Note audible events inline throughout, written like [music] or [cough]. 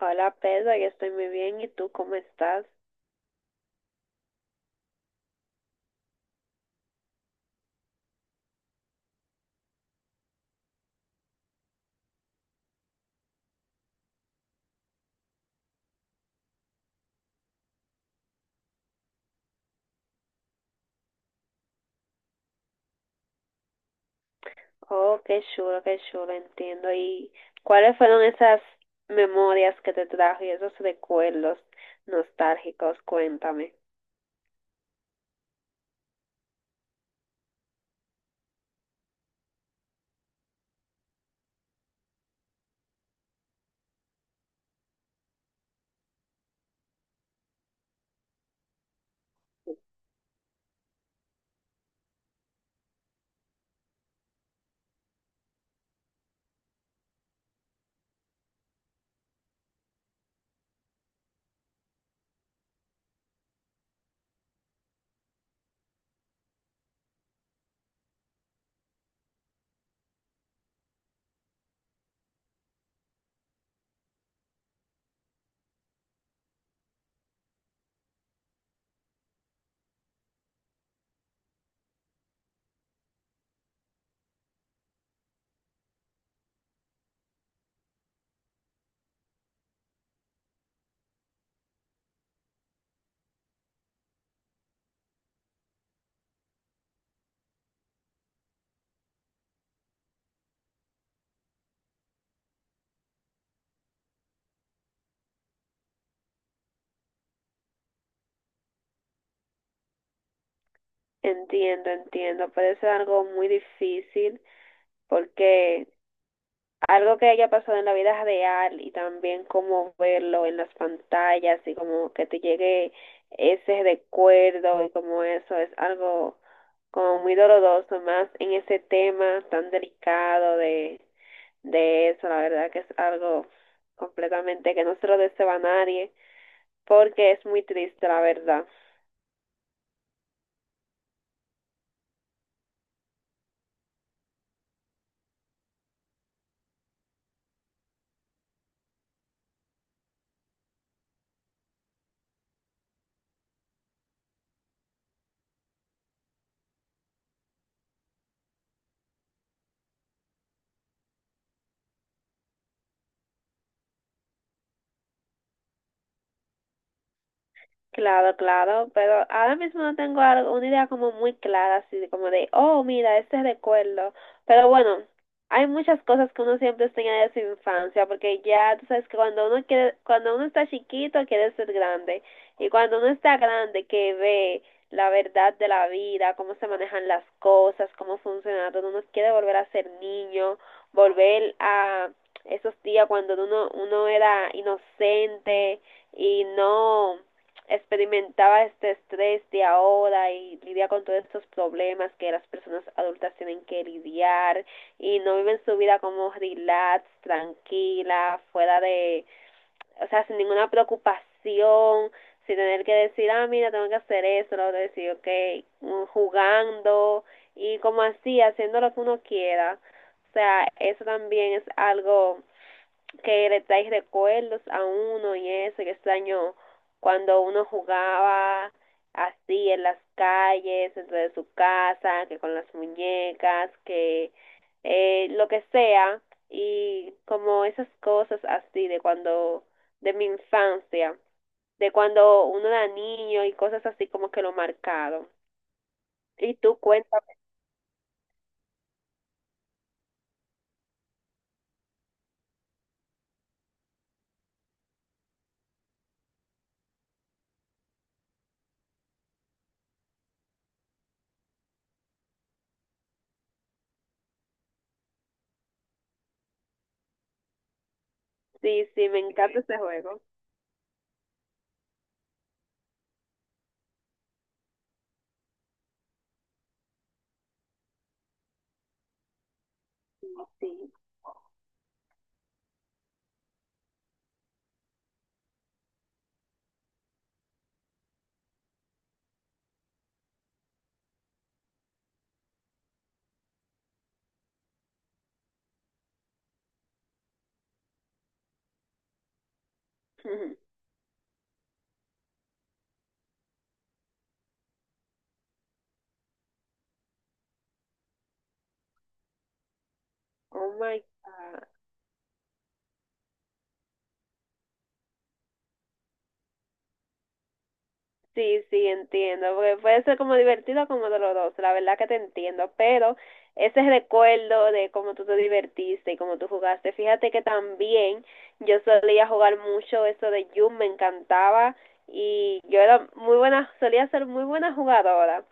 Hola Pedro, yo estoy muy bien. ¿Y tú cómo estás? Oh, qué chulo, entiendo. ¿Y cuáles fueron esas memorias que te trajo y esos recuerdos nostálgicos? Cuéntame. Entiendo, entiendo. Puede ser algo muy difícil porque algo que haya pasado en la vida real y también como verlo en las pantallas y como que te llegue ese recuerdo y como eso es algo como muy doloroso, más en ese tema tan delicado de eso, la verdad que es algo completamente que no se lo deseo a nadie, porque es muy triste, la verdad. Claro, claro, pero ahora mismo no tengo algo, una idea como muy clara, así de como de, oh, mira, este recuerdo. Pero bueno, hay muchas cosas que uno siempre extraña de su infancia, porque ya tú sabes que cuando uno quiere, cuando uno está chiquito quiere ser grande, y cuando uno está grande que ve la verdad de la vida, cómo se manejan las cosas, cómo funciona todo, uno quiere volver a ser niño, volver a esos días cuando uno era inocente y no experimentaba este estrés de ahora y lidia con todos estos problemas que las personas adultas tienen que lidiar y no viven su vida como relax, tranquila, fuera de, o sea, sin ninguna preocupación, sin tener que decir, ah, mira, tengo que hacer esto lo otro, decir, ok, jugando y como así, haciendo lo que uno quiera. O sea, eso también es algo que le trae recuerdos a uno y eso, que extraño cuando uno jugaba así en las calles, dentro de su casa, que con las muñecas, que lo que sea, y como esas cosas así de cuando, de mi infancia, de cuando uno era niño y cosas así como que lo marcaron. Y tú cuéntame, sí, sí, me encanta ese juego. [laughs] Oh my God. Sí, sí, entiendo, porque puede ser como divertido o como doloroso, la verdad que te entiendo, pero ese recuerdo de cómo tú te divertiste y cómo tú jugaste, fíjate que también yo solía jugar mucho eso de Yum, me encantaba y yo era muy buena, solía ser muy buena jugadora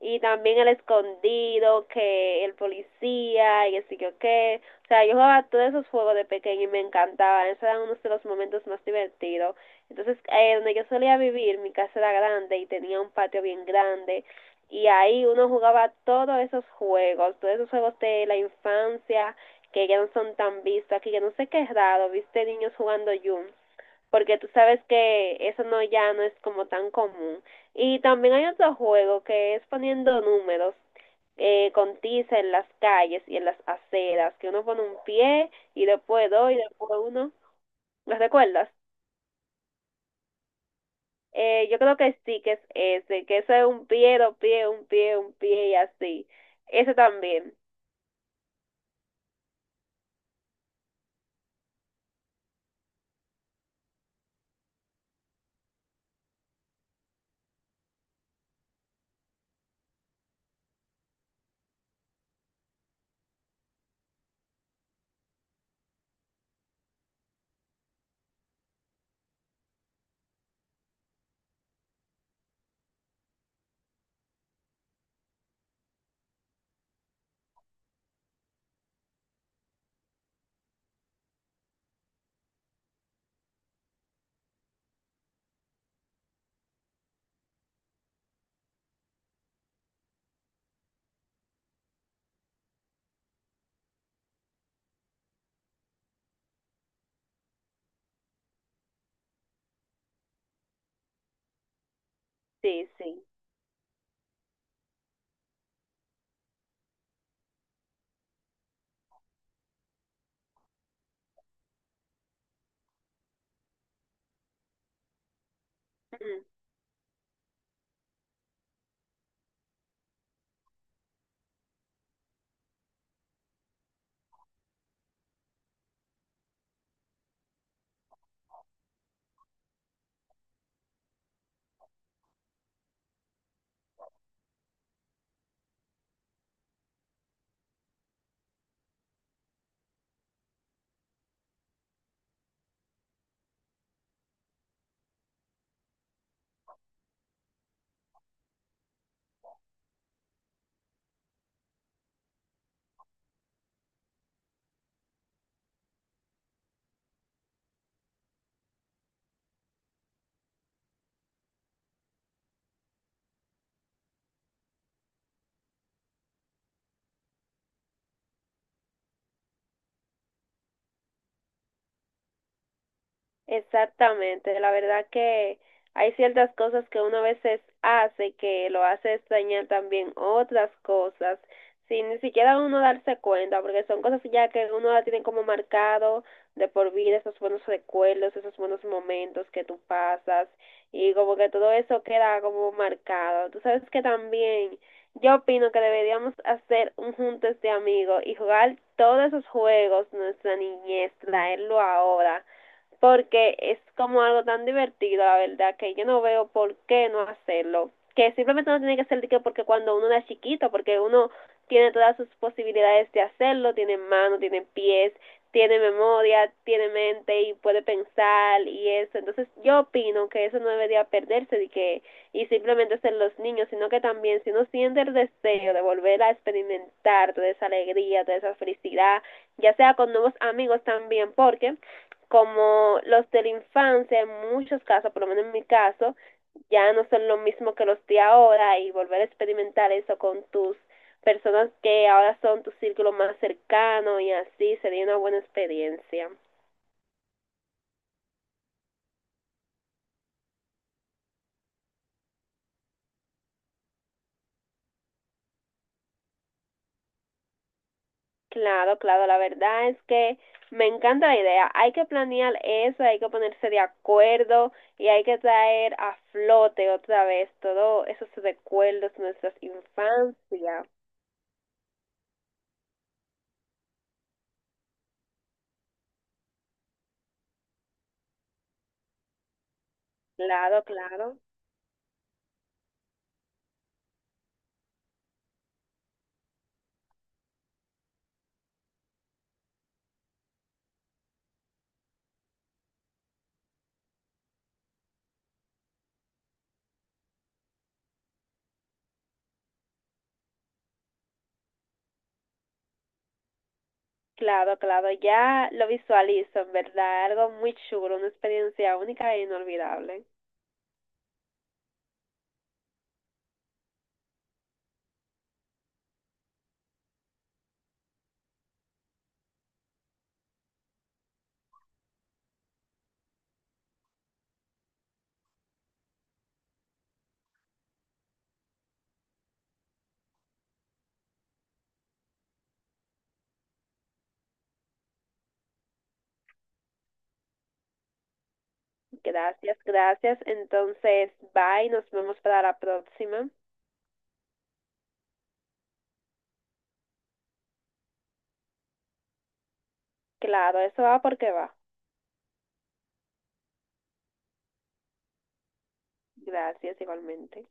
y también el escondido, que el policía y así que qué, o sea, yo jugaba todos esos juegos de pequeño y me encantaba, esos eran unos de los momentos más divertidos. Entonces, donde yo solía vivir, mi casa era grande y tenía un patio bien grande y ahí uno jugaba todos esos juegos de la infancia que ya no son tan vistos aquí, que no sé qué es raro, viste niños jugando Yum, porque tú sabes que eso no ya no es como tan común. Y también hay otro juego que es poniendo números con tiza en las calles y en las aceras, que uno pone un pie y después dos y después uno. ¿Los recuerdas? Yo creo que sí, que es ese, que eso es un pie, dos pies, un pie y así. Ese también, sí, sí. Exactamente, la verdad que hay ciertas cosas que uno a veces hace que lo hace extrañar también otras cosas, sin ni siquiera uno darse cuenta, porque son cosas ya que uno la tiene como marcado de por vida, esos buenos recuerdos, esos buenos momentos que tú pasas, y como que todo eso queda como marcado. Tú sabes que también yo opino que deberíamos hacer un juntes de amigos y jugar todos esos juegos, nuestra niñez, traerlo ahora porque es como algo tan divertido, la verdad, que yo no veo por qué no hacerlo. Que simplemente no tiene que ser de que porque cuando uno es chiquito, porque uno tiene todas sus posibilidades de hacerlo, tiene manos, tiene pies, tiene memoria, tiene mente y puede pensar y eso. Entonces yo opino que eso no debería perderse y que y simplemente ser los niños, sino que también si uno siente el deseo de volver a experimentar toda esa alegría, toda esa felicidad, ya sea con nuevos amigos también, porque como los de la infancia, en muchos casos, por lo menos en mi caso, ya no son lo mismo que los de ahora y volver a experimentar eso con tus personas que ahora son tu círculo más cercano y así sería una buena experiencia. Claro, claro, la verdad es que me encanta la idea. Hay que planear eso, hay que ponerse de acuerdo y hay que traer a flote otra vez todos esos recuerdos de nuestras infancias. Claro, claro. Claro, claro, ya lo visualizo, en verdad, algo muy chulo, una experiencia única e inolvidable. Gracias, gracias. Entonces, bye, nos vemos para la próxima. Claro, eso va porque va. Gracias igualmente.